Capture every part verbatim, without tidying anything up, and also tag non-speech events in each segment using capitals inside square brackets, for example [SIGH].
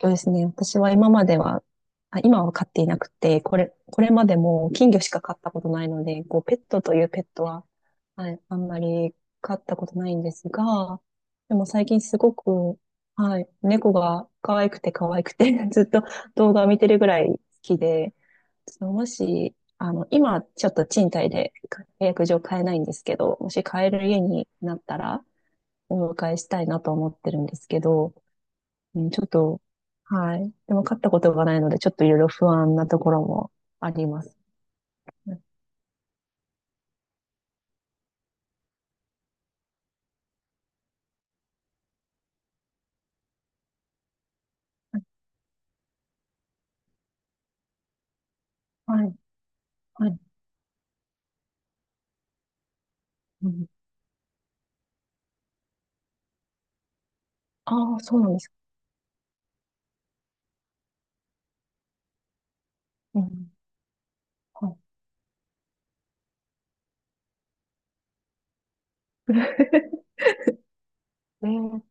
そうですね。私は今までは、あ、今は飼っていなくて、これ、これまでも金魚しか飼ったことないので、こう、ペットというペットは、はい、あんまり飼ったことないんですが、でも最近すごく、はい、猫が可愛くて可愛くて [LAUGHS] ずっと動画を見てるぐらい好きで、そのもし、あの、今ちょっと賃貸で契約上買えないんですけど、もし買える家になったらお迎えしたいなと思ってるんですけど、うん、ちょっと、はい。でも勝ったことがないので、ちょっといろいろ不安なところもあります。はい、はい。うん、ああ、そうなんですか。うん、はい。[LAUGHS] ね、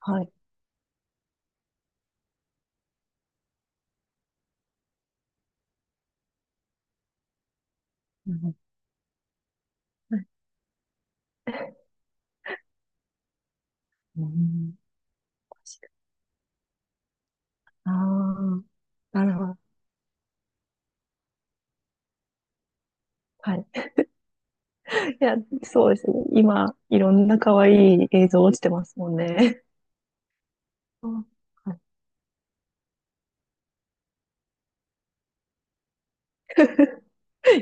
はい。うん、はいうん、ああ、なるほど。はい。いや、そうですね。今、いろんな可愛い映像落ちてますもんね。うんはい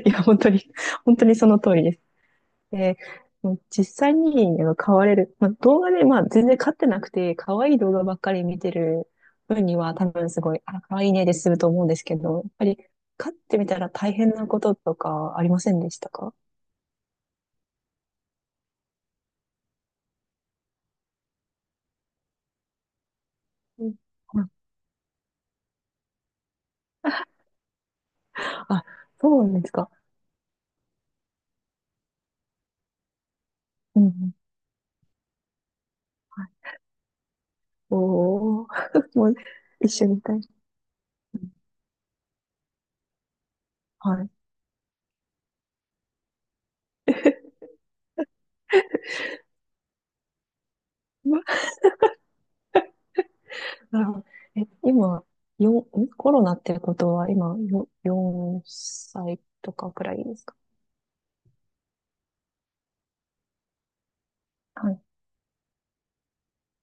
いや、本当に、本当にその通りです。で、もう実際にあの飼われる、まあ、動画で、まあ、全然飼ってなくて、可愛い動画ばっかり見てる分には、多分すごい、あ、可愛いねで済むと思うんですけど、やっぱり飼ってみたら大変なこととかありませんでしたか？うん。あ、そうなんですか。うんうん。はい。おー、[LAUGHS] もう一緒にいたい。はい。なるほど。え、今、よん、んコロナってことは今よ、よんさいとかくらいですか？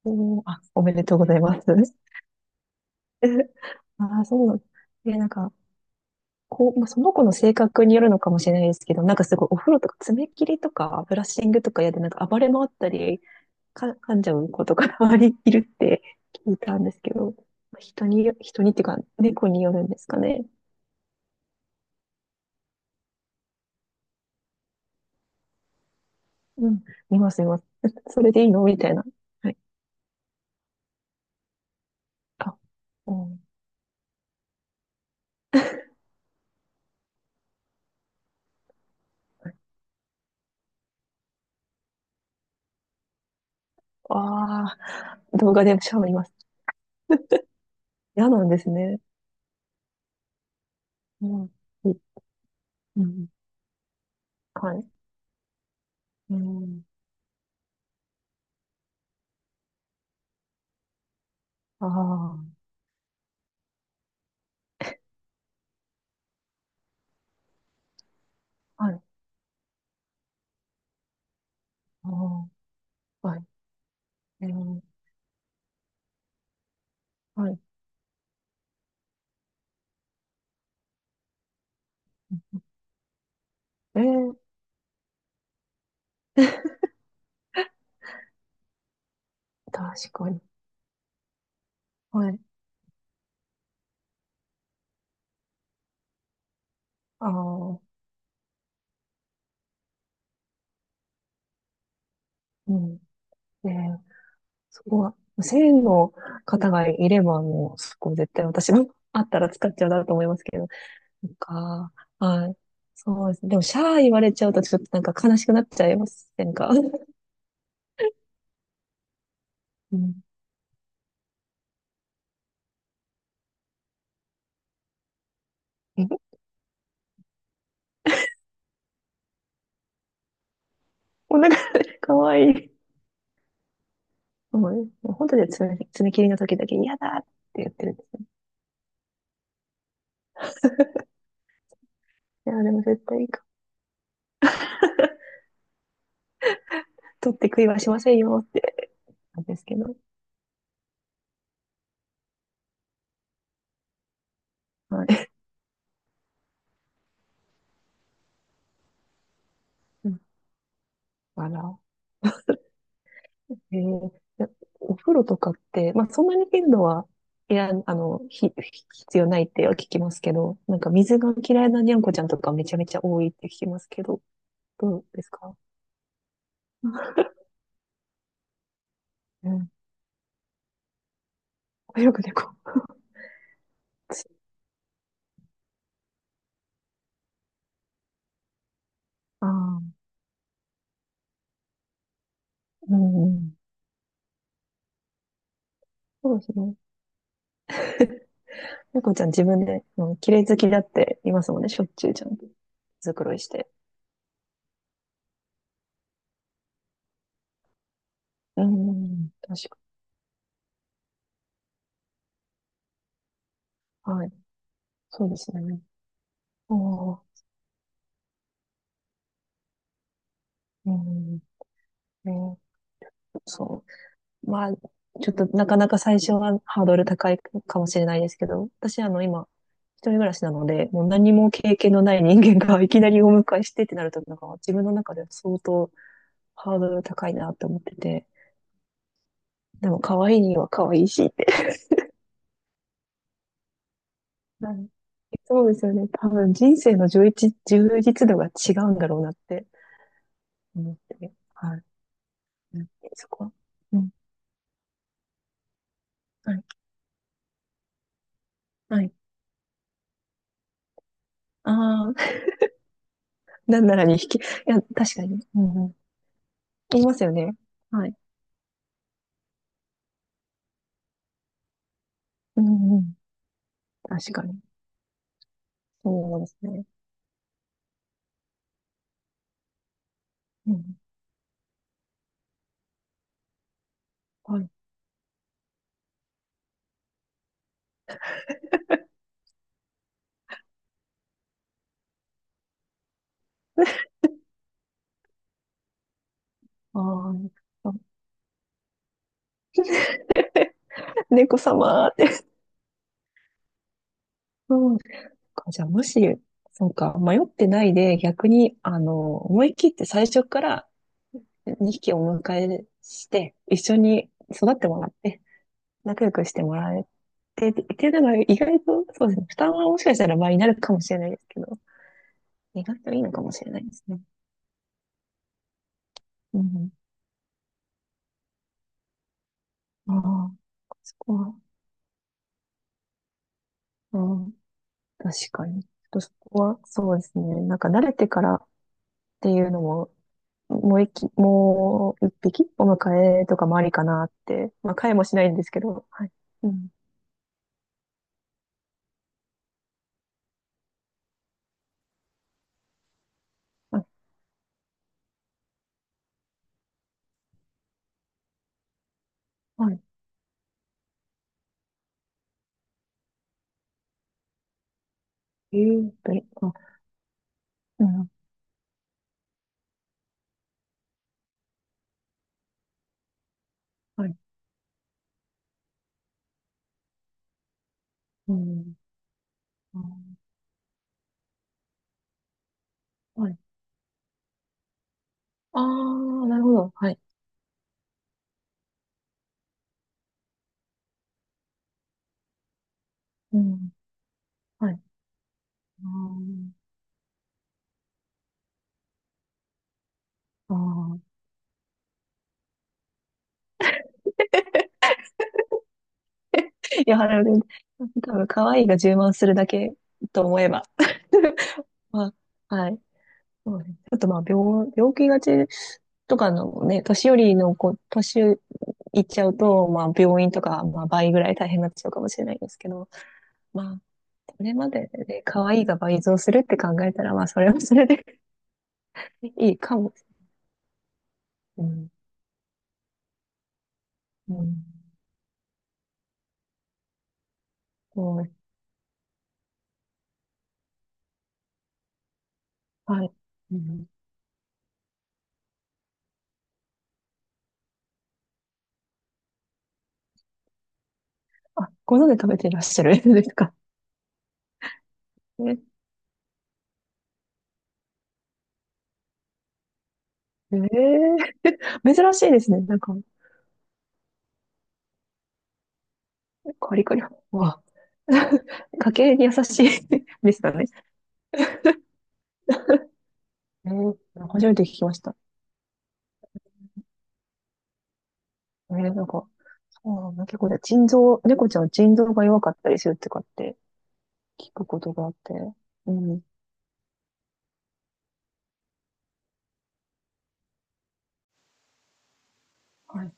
おー、あ、おめでとうございます。[LAUGHS] ああ、そうなんで、なんか、こう、まあ、その子の性格によるのかもしれないですけど、なんかすごいお風呂とか爪切りとかブラッシングとかやでなんか暴れ回ったり、か、噛んじゃう子とか周まにいるって [LAUGHS] 聞いたんですけど、まあ人によ、人にっていうか、猫によるんですかね。うん、見ます、見ます。[LAUGHS] それでいいのみたいな。はい。あ、うん。ああ、動画でシャワーいます。嫌なんですね。うん。いうん。はい。うんああ、はい。ああ、はい。えー、はい。えー、確かに。はい。ああ、うん。えー、そこは、せんえんの方がいれば、もう、そこ絶対私も [LAUGHS] あったら使っちゃうなと思いますけど。なんか、はい。そうですね。でも、シャー言われちゃうと、ちょっとなんか悲しくなっちゃいませんか？ [LAUGHS] うん。[LAUGHS] お腹、か [LAUGHS] かわいい。もうもう本当に爪、爪切りの時だけ嫌だって言ってるんですよ。いや、でも絶対いいか。取って食いはしませんよ。なんですけど。はい。うん。だから、えー、でお風呂とかって、まあ、そんなに頻度は、いや、あの、ひ、必要ないっては聞きますけど、なんか水が嫌いなにゃんこちゃんとかめちゃめちゃ多いって聞きますけど、どうですか？うん。よく猫。[LAUGHS] ああ、うん。そうですね。[LAUGHS] 猫ちゃん自分で、うん、綺麗好きだって言いますもんね、しょっちゅうちゃんと。毛繕いして。うん、確か。はい。そうですね。ああ、うん。ね、そう。まあ、ちょっとなかなか最初はハードル高いかもしれないですけど、私あの今、一人暮らしなので、もう何も経験のない人間が [LAUGHS] いきなりお迎えしてってなると、なんか自分の中では相当ハードル高いなって思ってて、でも可愛いには可愛いしって。[LAUGHS] はい。そうですよね。多分人生の充実、充実度が違うんだろうなって思って。はい。うん。そこは。うん。はい。はい。ああ、[LAUGHS] なんならに引き、いや、確かに。うんうん。言いますよね。はいうんうん。確かに。そうですね。うん。はい。ああ、[LAUGHS] 猫様って。うん。じゃあ、もし、そうか、迷ってないで、逆に、あの、思い切って最初からにひきお迎えして、一緒に育ってもらって、仲良くしてもらえて、っていうのが意外と、そうですね、負担はもしかしたら倍になるかもしれないですけど、意外といいのかもしれないですね。うん。ああ、そこは、うん。確かに。ちょっとそこは、そうですね。なんか慣れてからっていうのも、もう一匹、もう一匹お迎えとかもありかなって。まあ、飼えもしないんですけど。はい。うん。あ、はい。えーと、あ、うん。はい。うん。あー、はい。ああ、なるほど。はい。うん。はい。あーああいや、なるほど。多分、可愛いが充満するだけと思えば。[LAUGHS] まあ、はい。そうですね。あと、まあ、病、病気がちとかのね、年寄りの子、年いっちゃうと、まあ、病院とか、まあ、倍ぐらい大変になっちゃうかもしれないですけど、まあ、それまでで、可愛いが倍増するって考えたら、まあ、それはそれで [LAUGHS] いいかも。うん。うん。そう、はい。うん。あ、ご飯で食べていらっしゃるんですか？ねええ珍しいですね。なんか、カリカリ。うわ、家計に優しい [LAUGHS] でしたね。えー、初めて聞きました。えー、なんか、ああ、結構ね、腎臓、猫ちゃんは腎臓が弱かったりするとかって聞くことがあって。うん。はい。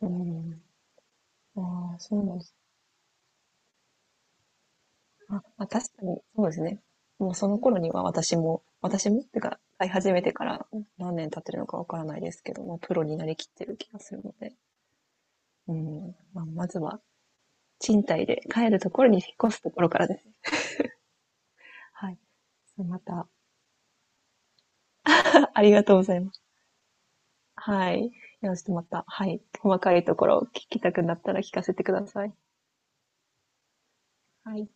うん。ああ、そうなんです。あ、まあ、確かに、そうですね。もうその頃には私も、私もってか、飼い始めてから何年経ってるのかわからないですけど、もうプロになりきってる気がするので。うん。まあ、まずは、賃貸で帰るところに引っ越すところからです。はい。また、あありがとうございます。はい。よろしくまた、はい。細かいところを聞きたくなったら聞かせてください。はい。